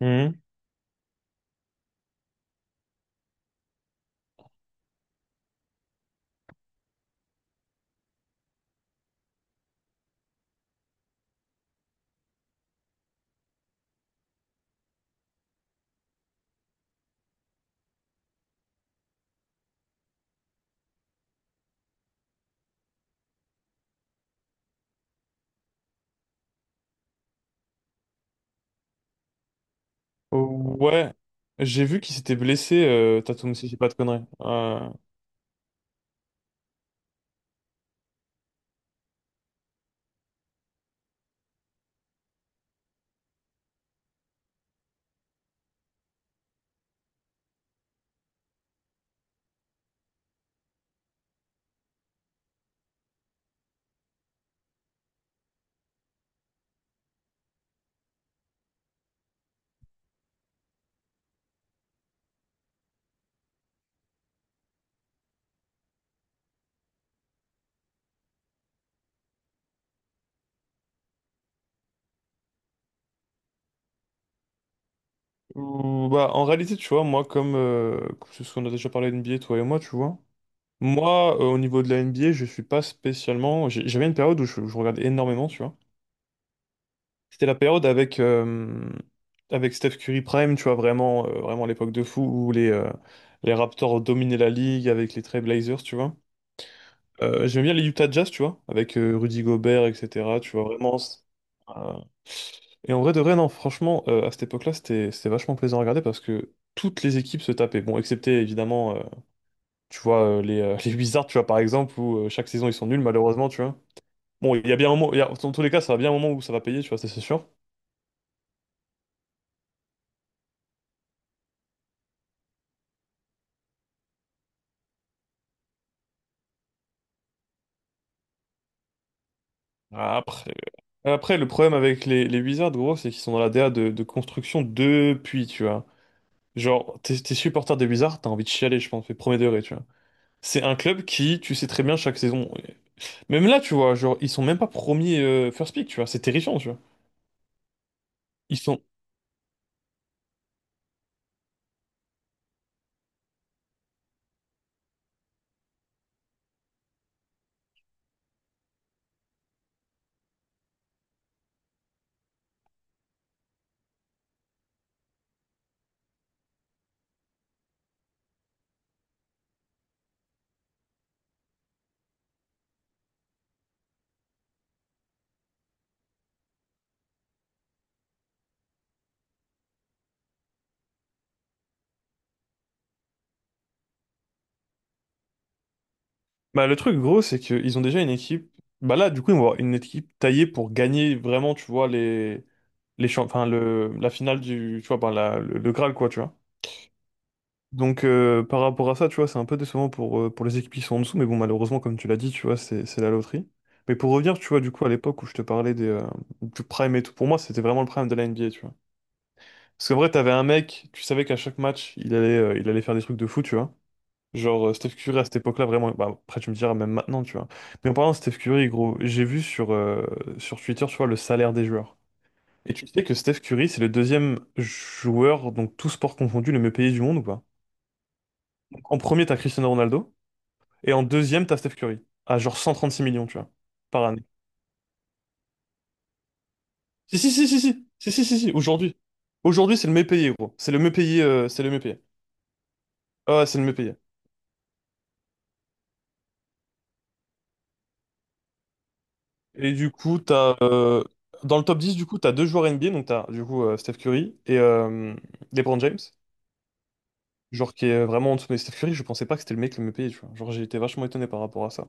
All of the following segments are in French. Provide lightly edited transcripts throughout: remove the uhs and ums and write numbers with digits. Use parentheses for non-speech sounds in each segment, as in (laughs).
Mhm. Ouais, j'ai vu qu'il s'était blessé, Tatum, si j'ai pas de conneries. Bah, en réalité, tu vois, moi, comme, comme c'est ce qu'on a déjà parlé NBA, toi et moi, tu vois, moi, au niveau de la NBA, je suis pas spécialement. J'avais une période où je regardais énormément, tu vois. C'était la période avec, avec Steph Curry Prime, tu vois, vraiment, vraiment l'époque de fou où les Raptors dominaient la ligue avec les Trail Blazers, tu vois. J'aime bien les Utah Jazz, tu vois, avec Rudy Gobert, etc., tu vois, vraiment. Et en vrai de vrai, non, franchement, à cette époque-là, c'était vachement plaisant à regarder parce que toutes les équipes se tapaient. Bon, excepté évidemment, tu vois, (laughs) les Wizards, tu vois, par exemple, où chaque saison ils sont nuls, malheureusement, tu vois. Bon, il y a bien un moment, dans tous les cas, ça va bien un moment où ça va payer, tu vois, ça, c'est sûr. Après, après, le problème avec les Wizards, gros, c'est qu'ils sont dans la DA de construction depuis, tu vois. Genre, t'es supporter des Wizards, t'as envie de chialer, je pense, mais premier degré, tu vois. C'est un club qui, tu sais très bien, chaque saison. Même là, tu vois, genre, ils sont même pas premiers first pick, tu vois, c'est terrifiant, tu vois. Ils sont. Bah, le truc gros, c'est qu'ils ont déjà une équipe. Bah là, du coup, ils vont avoir une équipe taillée pour gagner vraiment, tu vois, les. Les champs... enfin, le... la finale du. Tu vois, bah, la... le Graal, quoi, tu vois. Donc, par rapport à ça, tu vois, c'est un peu décevant pour les équipes qui sont en dessous. Mais bon, malheureusement, comme tu l'as dit, tu vois, c'est la loterie. Mais pour revenir, tu vois, du coup, à l'époque où je te parlais des, du prime et tout, pour moi, c'était vraiment le prime de la NBA, tu vois. Parce qu'en vrai, t'avais un mec, tu savais qu'à chaque match, il allait faire des trucs de fou, tu vois. Genre, Steph Curry à cette époque-là, vraiment, bah, après tu me diras même maintenant, tu vois. Mais en parlant de Steph Curry, gros, j'ai vu sur, sur Twitter, tu vois, le salaire des joueurs. Et tu sais que Steph Curry, c'est le deuxième joueur, donc tout sport confondu, le mieux payé du monde ou pas? En premier, t'as Cristiano Ronaldo, et en deuxième, t'as Steph Curry, à genre 136 millions, tu vois, par année. Si, si, si, si, si, si, si, si, si, aujourd'hui. Aujourd'hui, c'est le mieux payé, gros. C'est le mieux payé, c'est le mieux payé. Ah, ouais, c'est le mieux payé. Et du coup, dans le top 10 du coup, tu as deux joueurs NBA. Donc, tu as du coup Steph Curry et LeBron James. Genre, qui est vraiment en dessous. Mais Steph Curry, je pensais pas que c'était le mec le mieux payé. Tu vois. Genre, j'ai été vachement étonné par rapport à ça.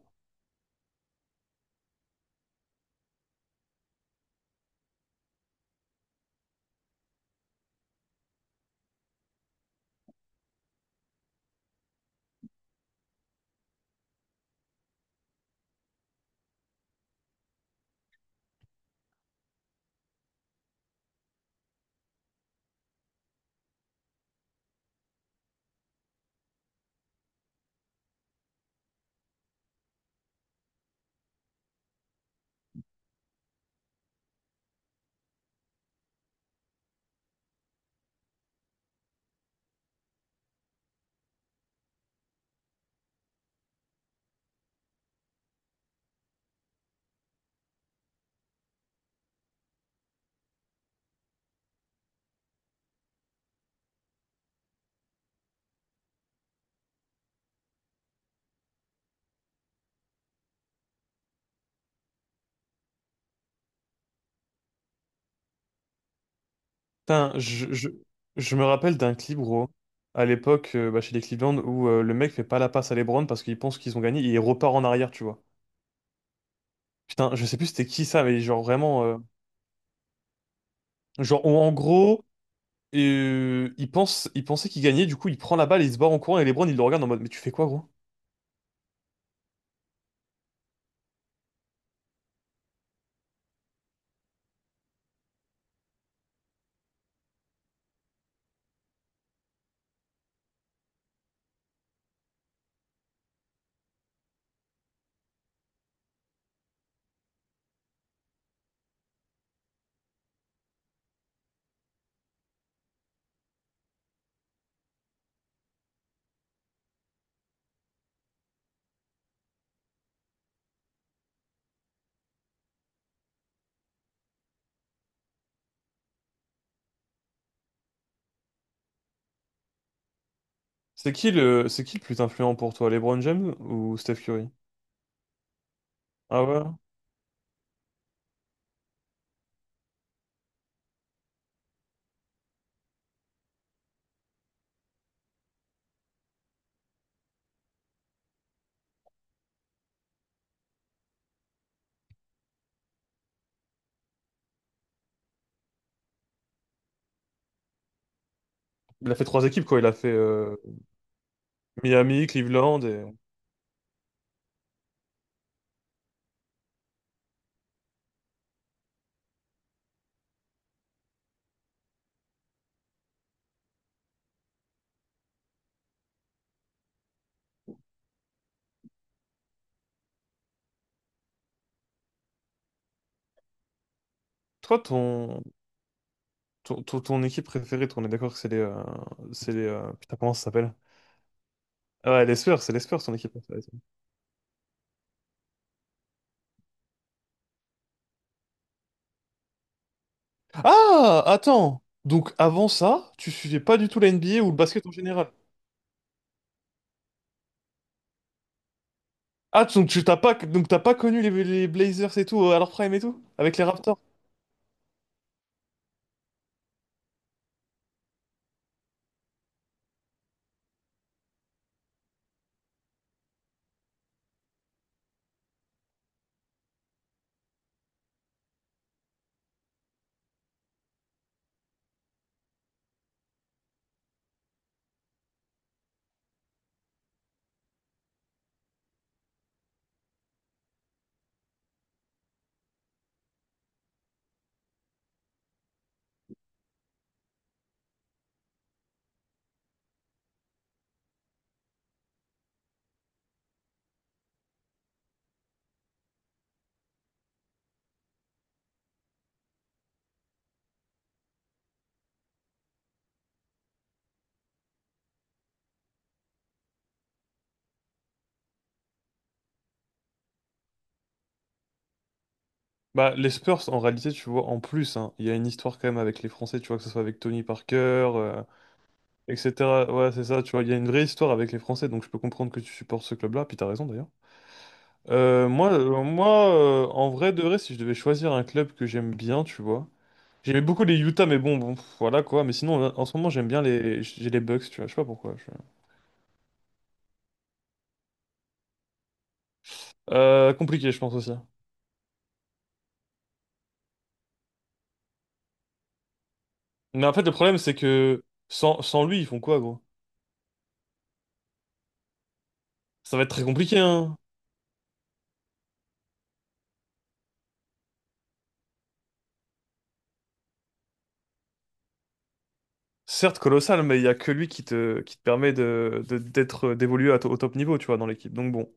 Putain, je me rappelle d'un clip, gros, à l'époque, bah, chez les Cleveland, où le mec fait pas la passe à LeBron parce qu'il pense qu'ils ont gagné et il repart en arrière, tu vois. Putain, je sais plus c'était qui ça, mais genre vraiment. Genre, en gros. Il pensait qu'il gagnait, du coup il prend la balle, il se barre en courant et LeBron il le regarde en mode mais tu fais quoi gros? C'est qui le plus influent pour toi, LeBron James ou Steph Curry? Ah ouais? Il a fait trois équipes, quoi. Il a fait Miami, Cleveland et... Toi, ton, ton, ton, Ton équipe préférée, on est d'accord que c'est les Putain, comment ça s'appelle? Ah ouais, les Spurs, c'est les Spurs, ton équipe préférée. Ah! Attends! Donc, avant ça, tu suivais pas du tout la NBA ou le basket en général? Ah, donc tu t'as pas, donc t'as pas connu les Blazers et tout, à leur prime et tout? Avec les Raptors? Bah, les Spurs, en réalité, tu vois, en plus, hein, il y a une histoire quand même avec les Français, tu vois, que ce soit avec Tony Parker, etc. Ouais, c'est ça, tu vois, il y a une vraie histoire avec les Français, donc je peux comprendre que tu supportes ce club-là, puis t'as raison d'ailleurs. Moi en vrai de vrai, si je devais choisir un club que j'aime bien, tu vois, j'aimais beaucoup les Utah, mais bon, bon, pff, voilà quoi, mais sinon, en ce moment, j'aime bien les, j'ai les Bucks, tu vois, je sais pas pourquoi. Je- Compliqué, je pense aussi. Mais en fait, le problème, c'est que sans lui, ils font quoi, gros? Ça va être très compliqué, hein. Certes colossal, mais il y a que lui qui te, d'être, d'évoluer au top niveau, tu vois, dans l'équipe. Donc bon,